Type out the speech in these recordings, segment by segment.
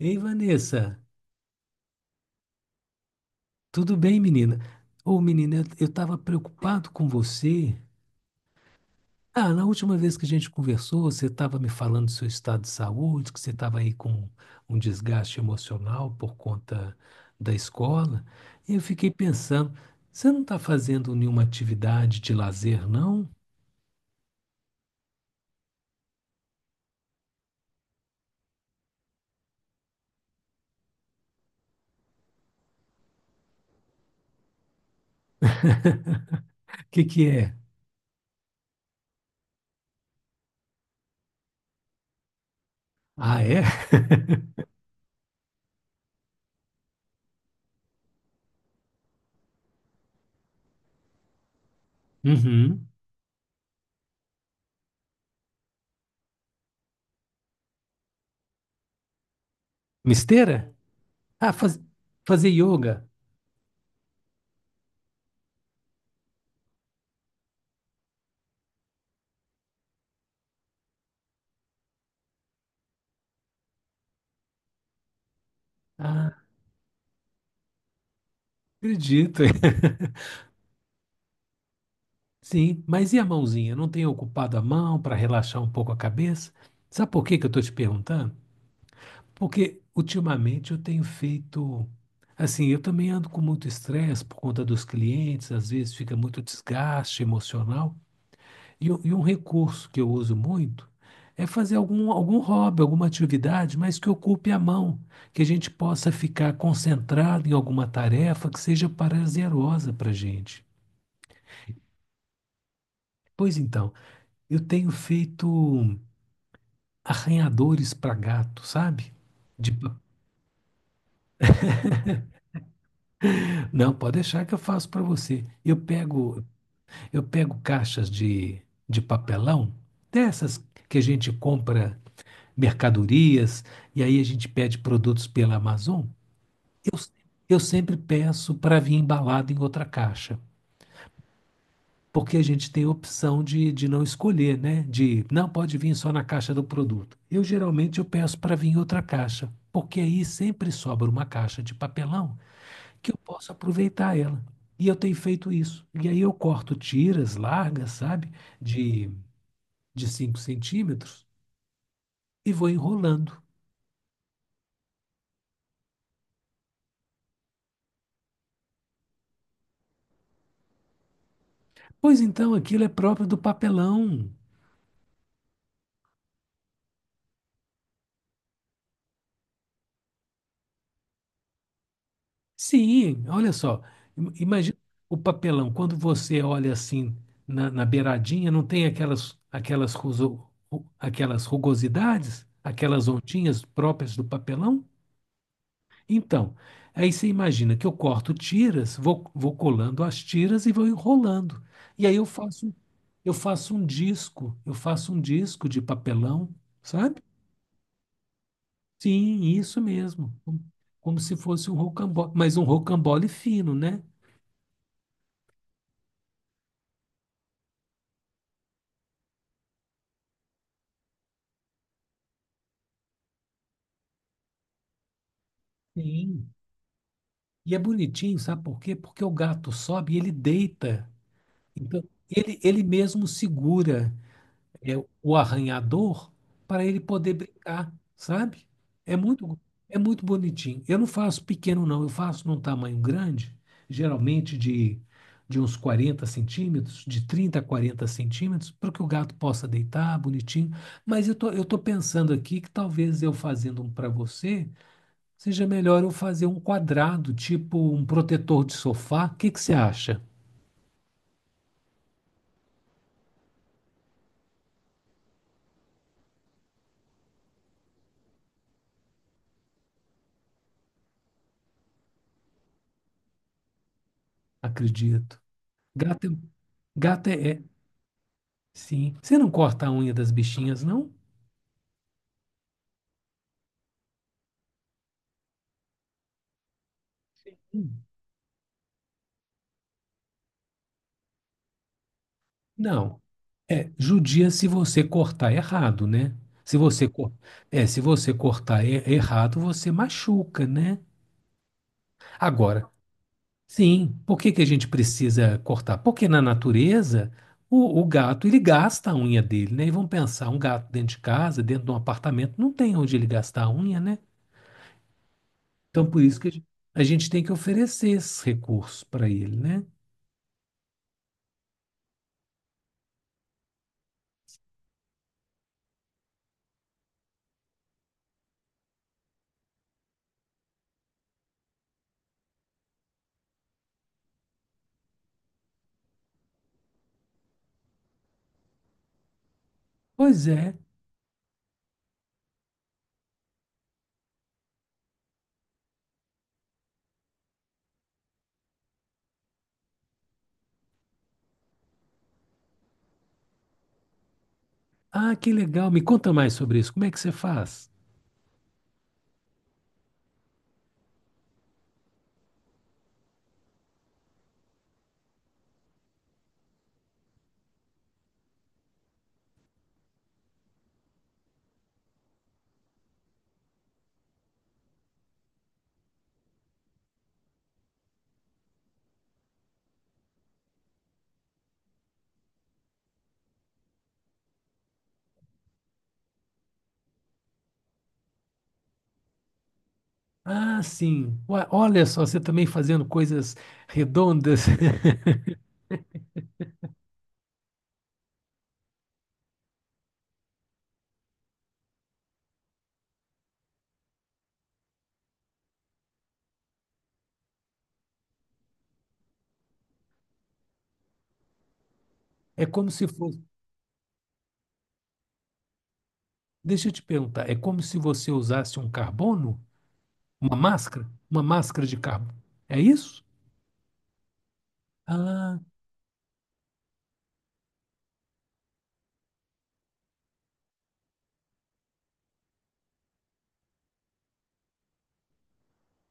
Ei, Vanessa, tudo bem, menina? Ô, menina, eu tava preocupado com você. Ah, na última vez que a gente conversou, você estava me falando do seu estado de saúde, que você estava aí com um desgaste emocional por conta da escola. E eu fiquei pensando, você não está fazendo nenhuma atividade de lazer, não? O que que é? Ah, é? Uhum. Misteira? Ah, faz- Fazer yoga. Ah, acredito. Sim, mas e a mãozinha? Não tem ocupado a mão para relaxar um pouco a cabeça? Sabe por que que eu estou te perguntando? Porque ultimamente eu tenho feito. Assim, eu também ando com muito estresse por conta dos clientes, às vezes fica muito desgaste emocional. E um recurso que eu uso muito é fazer algum hobby, alguma atividade, mas que ocupe a mão, que a gente possa ficar concentrado em alguma tarefa que seja prazerosa para a gente. Pois então, eu tenho feito arranhadores para gato, sabe? De pa- não, pode deixar que eu faço para você. Eu pego caixas de papelão, dessas que a gente compra mercadorias e aí a gente pede produtos pela Amazon. Eu sempre peço para vir embalado em outra caixa, porque a gente tem a opção de não escolher, né? De não pode vir só na caixa do produto. Eu geralmente eu peço para vir em outra caixa, porque aí sempre sobra uma caixa de papelão que eu possa aproveitar ela. E eu tenho feito isso. E aí eu corto tiras largas, sabe? De, de 5 cm e vou enrolando. Pois então, aquilo é próprio do papelão. Sim, olha só. Imagina o papelão. Quando você olha assim na beiradinha, não tem aquelas rugosidades, aquelas ondinhas próprias do papelão? Então, aí você imagina que eu corto tiras, vou colando as tiras e vou enrolando. E aí eu faço, eu faço um disco de papelão, sabe? Sim, isso mesmo. Como se fosse um rocambole, mas um rocambole fino, né? Sim. E é bonitinho, sabe por quê? Porque o gato sobe e ele deita. Então, ele mesmo segura. É, o arranhador para ele poder brincar, sabe? É muito, é muito bonitinho. Eu não faço pequeno, não. Eu faço num tamanho grande, geralmente de uns 40 cm, de 30 a 40 cm, para que o gato possa deitar bonitinho. Mas eu tô pensando aqui que talvez eu fazendo um para você, seja melhor eu fazer um quadrado, tipo um protetor de sofá. O que que você acha? Acredito. Gato é. Gato é, é- Sim. Você não corta a unha das bichinhas, não? Hum. Não. É, judia se você cortar errado, né? Se você, cor- É, se você cortar errado, você machuca, né? Agora, sim, por que que a gente precisa cortar? Porque na natureza, o gato, ele gasta a unha dele, né? E vamos pensar, um gato dentro de casa, dentro de um apartamento, não tem onde ele gastar a unha, né? Então, por isso que a gente tem que oferecer esses recursos para ele, né? Pois é. Ah, que legal. Me conta mais sobre isso. Como é que você faz? Ah, sim. Olha só, você também fazendo coisas redondas. É como se fosse. Deixa eu te perguntar. É como se você usasse um carbono? Uma máscara? Uma máscara de carbono. É isso? Ah,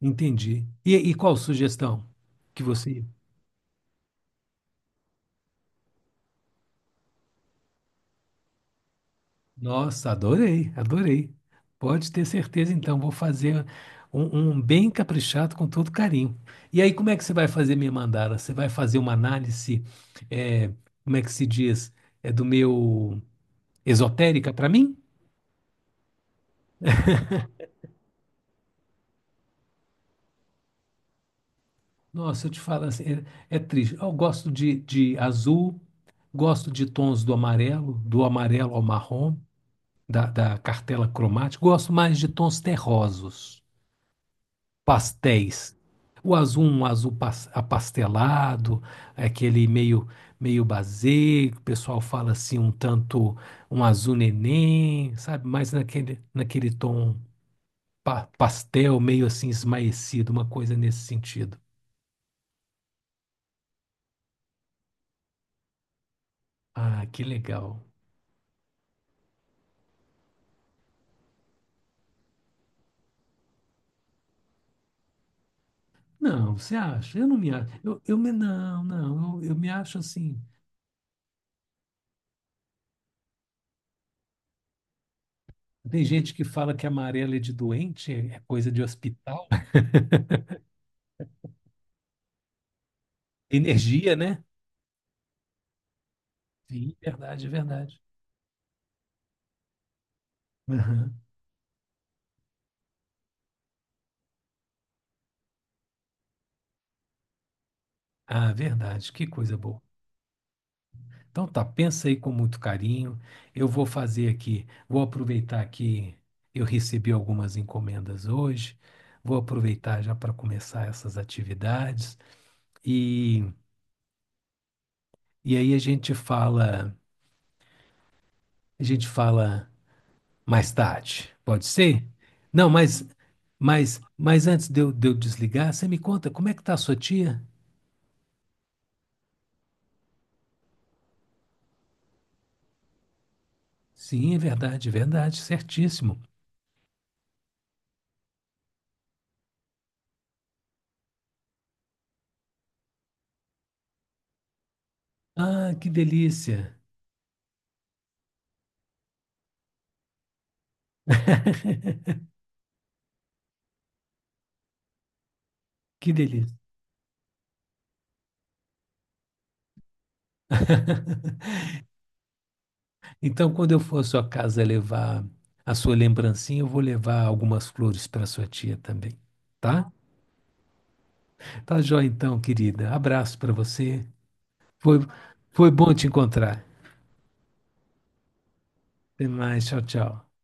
entendi. E qual sugestão que você Nossa, adorei, adorei. Pode ter certeza, então, vou fazer um bem caprichado com todo carinho. E aí, como é que você vai fazer minha mandala? Você vai fazer uma análise, é, como é que se diz, é do meu esotérica para mim? Nossa, eu te falo assim, é triste. Eu gosto de azul, gosto de tons do amarelo ao marrom, da cartela cromática, gosto mais de tons terrosos. Pastéis. O azul, um azul apastelado, aquele meio meio basé, que o pessoal fala assim um tanto um azul neném, sabe? Mas naquele tom pastel, meio assim esmaecido, uma coisa nesse sentido. Ah, que legal. Não, você acha? Eu não me acho. Eu me, não, não, eu me acho assim. Tem gente que fala que amarelo é de doente, é coisa de hospital. Energia, né? Sim, verdade, verdade. Aham. Ah, verdade, que coisa boa. Então tá, pensa aí com muito carinho. Eu vou fazer aqui, vou aproveitar que eu recebi algumas encomendas hoje, vou aproveitar já para começar essas atividades e, e aí a gente fala mais tarde, pode ser? Não, mas mas antes de eu desligar, você me conta como é que tá a sua tia? Sim, é verdade, certíssimo. Ah, que delícia, que delícia. Então, quando eu for à sua casa levar a sua lembrancinha, eu vou levar algumas flores para sua tia também, tá? Tá joia então, querida. Abraço para você. Foi, foi bom te encontrar. Até mais. Tchau, tchau.